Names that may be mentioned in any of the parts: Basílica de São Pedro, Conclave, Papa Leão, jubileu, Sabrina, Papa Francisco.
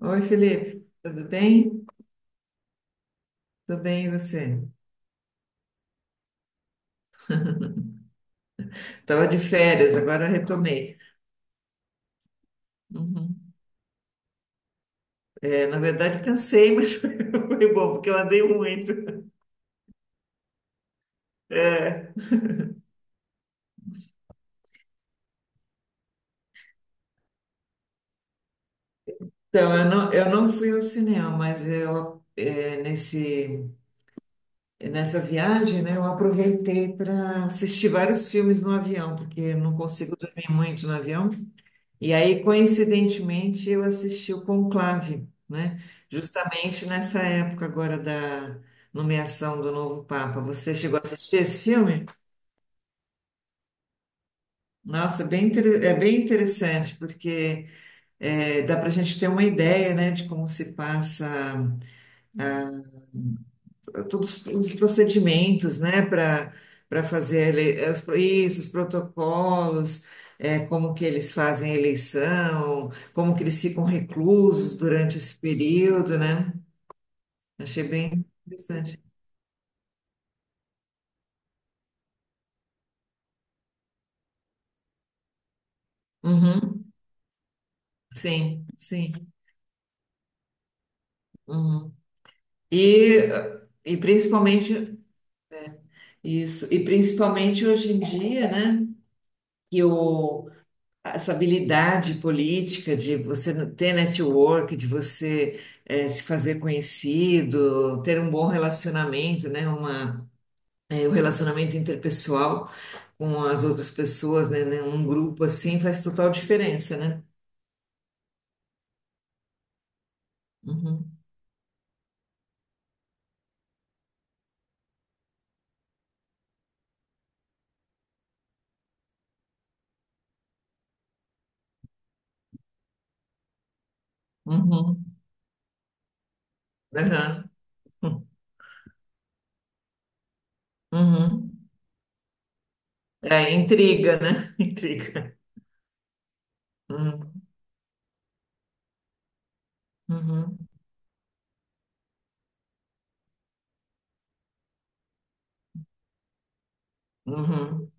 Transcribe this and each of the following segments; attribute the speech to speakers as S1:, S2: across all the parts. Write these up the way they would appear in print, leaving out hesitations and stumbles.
S1: Oi, Felipe, tudo bem? Tudo bem, e você? Estava de férias, agora retomei. Uhum. Na verdade, cansei, mas foi bom, porque eu andei muito. É. Então, eu não fui ao cinema, mas nessa viagem, né, eu aproveitei para assistir vários filmes no avião, porque eu não consigo dormir muito no avião. E aí, coincidentemente, eu assisti o Conclave, né? Justamente nessa época agora da nomeação do novo Papa. Você chegou a assistir esse filme? Nossa, é bem interessante, porque é, dá para a gente ter uma ideia, né, de como se passa todos os procedimentos, né, para fazer ele- é, os, pro- isso, os protocolos, é, como que eles fazem a eleição, como que eles ficam reclusos durante esse período, né? Achei bem interessante. Uhum. Sim, sim. Uhum. E, e principalmente isso, e principalmente hoje em dia, né? Que o, essa habilidade política de você ter network, de você se fazer conhecido, ter um bom relacionamento, né? O relacionamento interpessoal com as outras pessoas, né? Um grupo assim faz total diferença, né? Uhum. Uhum. Aham. Uhum. É, intriga, né? Intriga. Uhum, uhum, uhum,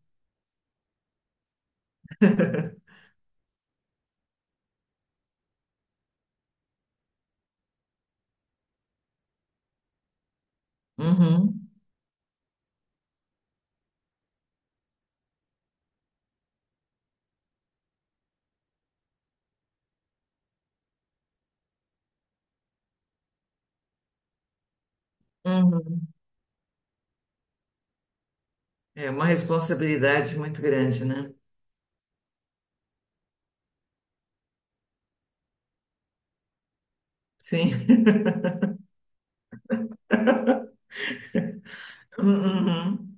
S1: uhum, uhum. É uma responsabilidade muito grande, né? Sim. Uhum.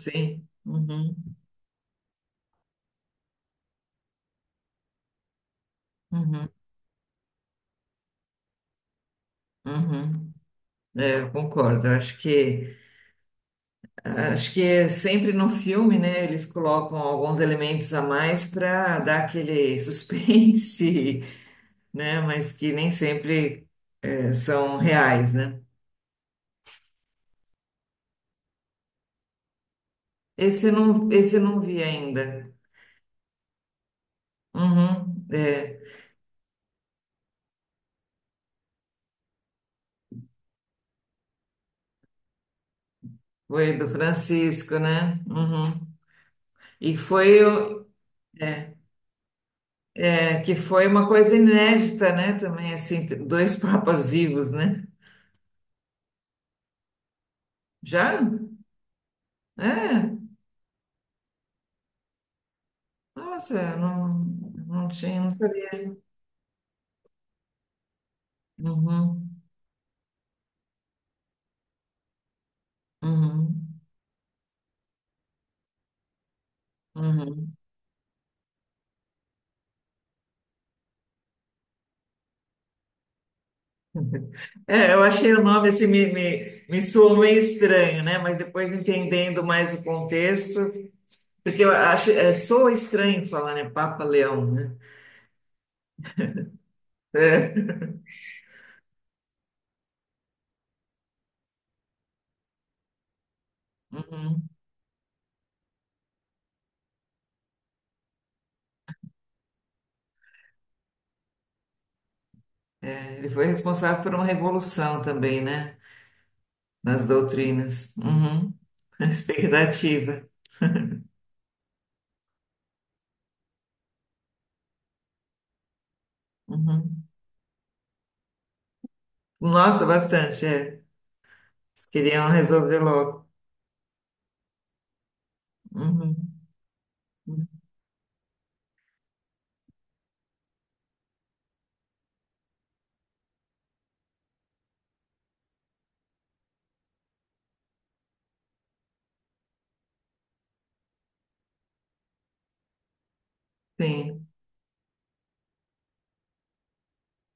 S1: Sim. Uhum. Uhum. Uhum. É, eu concordo. Eu acho que é sempre no filme, né? Eles colocam alguns elementos a mais para dar aquele suspense, né? Mas que nem sempre são reais, né? Esse eu não vi ainda. Uhum, é, foi do Francisco, né? Uhum. E foi, o- é, é, Que foi uma coisa inédita, né? Também, assim, dois papas vivos, né? Já? É, nossa, não tinha, não sabia. Uhum, uhum, uhum. É, eu achei o nome, assim, me soou meio estranho, né? Mas depois entendendo mais o contexto, porque eu acho, é, soa estranho falar, né? Papa Leão, né? É. Ele foi responsável por uma revolução também, né? Nas doutrinas. Uhum. Expectativa. Uhum. Nossa, bastante, é. Eles queriam resolver logo. Uhum. Sim.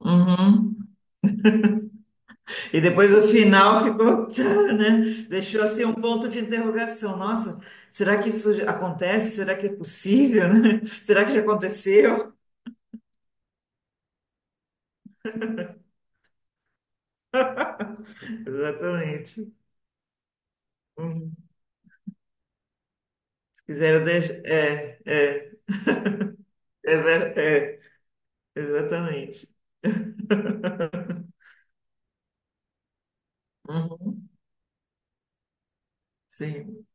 S1: Uhum. E depois o final ficou, tchá, né? Deixou assim um ponto de interrogação. Nossa, será que isso acontece? Será que é possível, né? Será que já aconteceu? Exatamente. Uhum. Se quiseram deixar. É, ver- é, exatamente. Uhum, sim.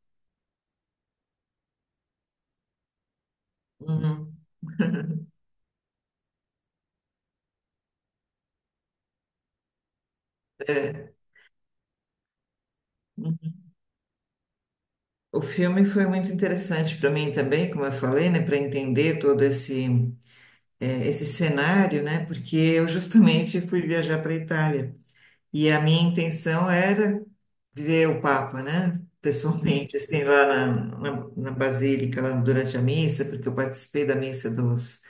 S1: Uhum. Uhum. O filme foi muito interessante para mim também, como eu falei, né, para entender todo esse esse cenário, né, porque eu justamente fui viajar para a Itália e a minha intenção era ver o Papa, né, pessoalmente, assim, lá na Basílica, lá durante a missa, porque eu participei da missa dos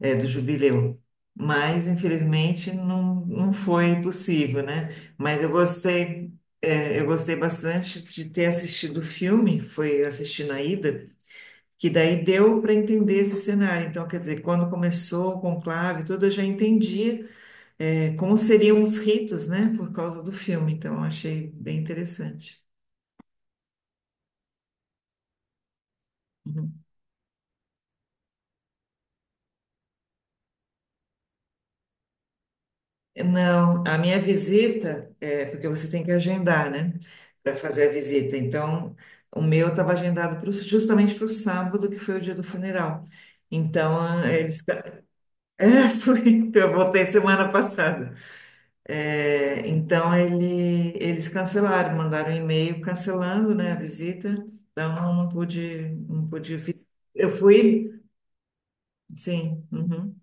S1: é, do jubileu. Mas, infelizmente, não foi possível, né? Mas eu gostei, é, eu gostei bastante de ter assistido o filme, foi assistir na ida, que daí deu para entender esse cenário. Então, quer dizer, quando começou o conclave, e tudo, eu já entendi, é, como seriam os ritos, né? Por causa do filme. Então, eu achei bem interessante. Não, a minha visita, é, porque você tem que agendar, né, para fazer a visita. Então, o meu estava agendado justamente para o sábado, que foi o dia do funeral. Então. Eles. É, foi, eu voltei semana passada. É, então, eles cancelaram, mandaram um e-mail cancelando, né, a visita. Então, não pude, não pude. Vis- eu fui? Sim, uhum,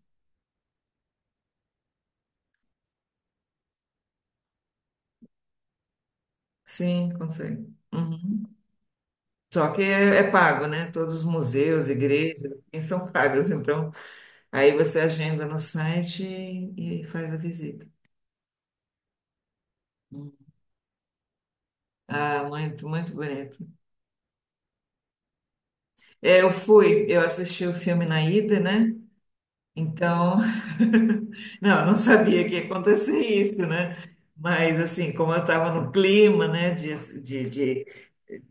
S1: sim, consegue. Uhum. Só que é, é pago, né? Todos os museus, igrejas, assim, são pagos. Então, aí você agenda no site e faz a visita. Ah, muito, muito bonito. É, eu assisti o filme na ida, né? Então, não, eu não sabia que ia acontecer isso, né? Mas, assim, como eu estava no clima, né, de, de,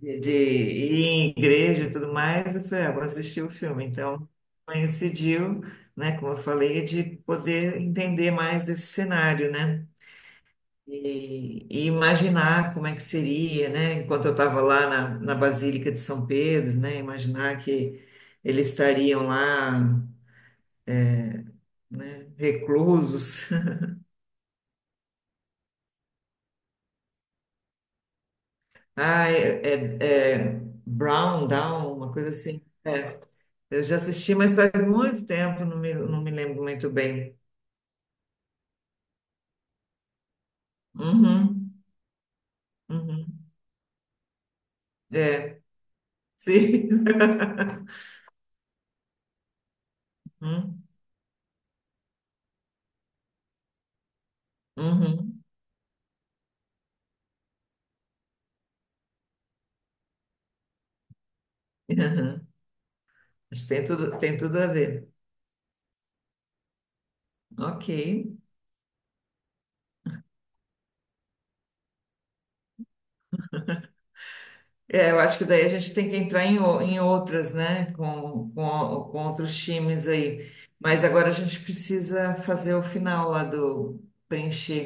S1: de ir em igreja e tudo mais, eu falei, ah, vou assistir o filme. Então, coincidiu, né, como eu falei, de poder entender mais desse cenário, né? E imaginar como é que seria, né? Enquanto eu estava lá na Basílica de São Pedro, né? Imaginar que eles estariam lá, né, reclusos. Ah, é, é Brown, Down, uma coisa assim. É, eu já assisti, mas faz muito tempo, não me lembro muito bem. Uhum, uhum. É, sim. Uhum, uhum, uhum. Acho que tem tudo a ver. Ok. É, eu acho que daí a gente tem que entrar em outras, né? Com outros times aí. Mas agora a gente precisa fazer o final lá do preencher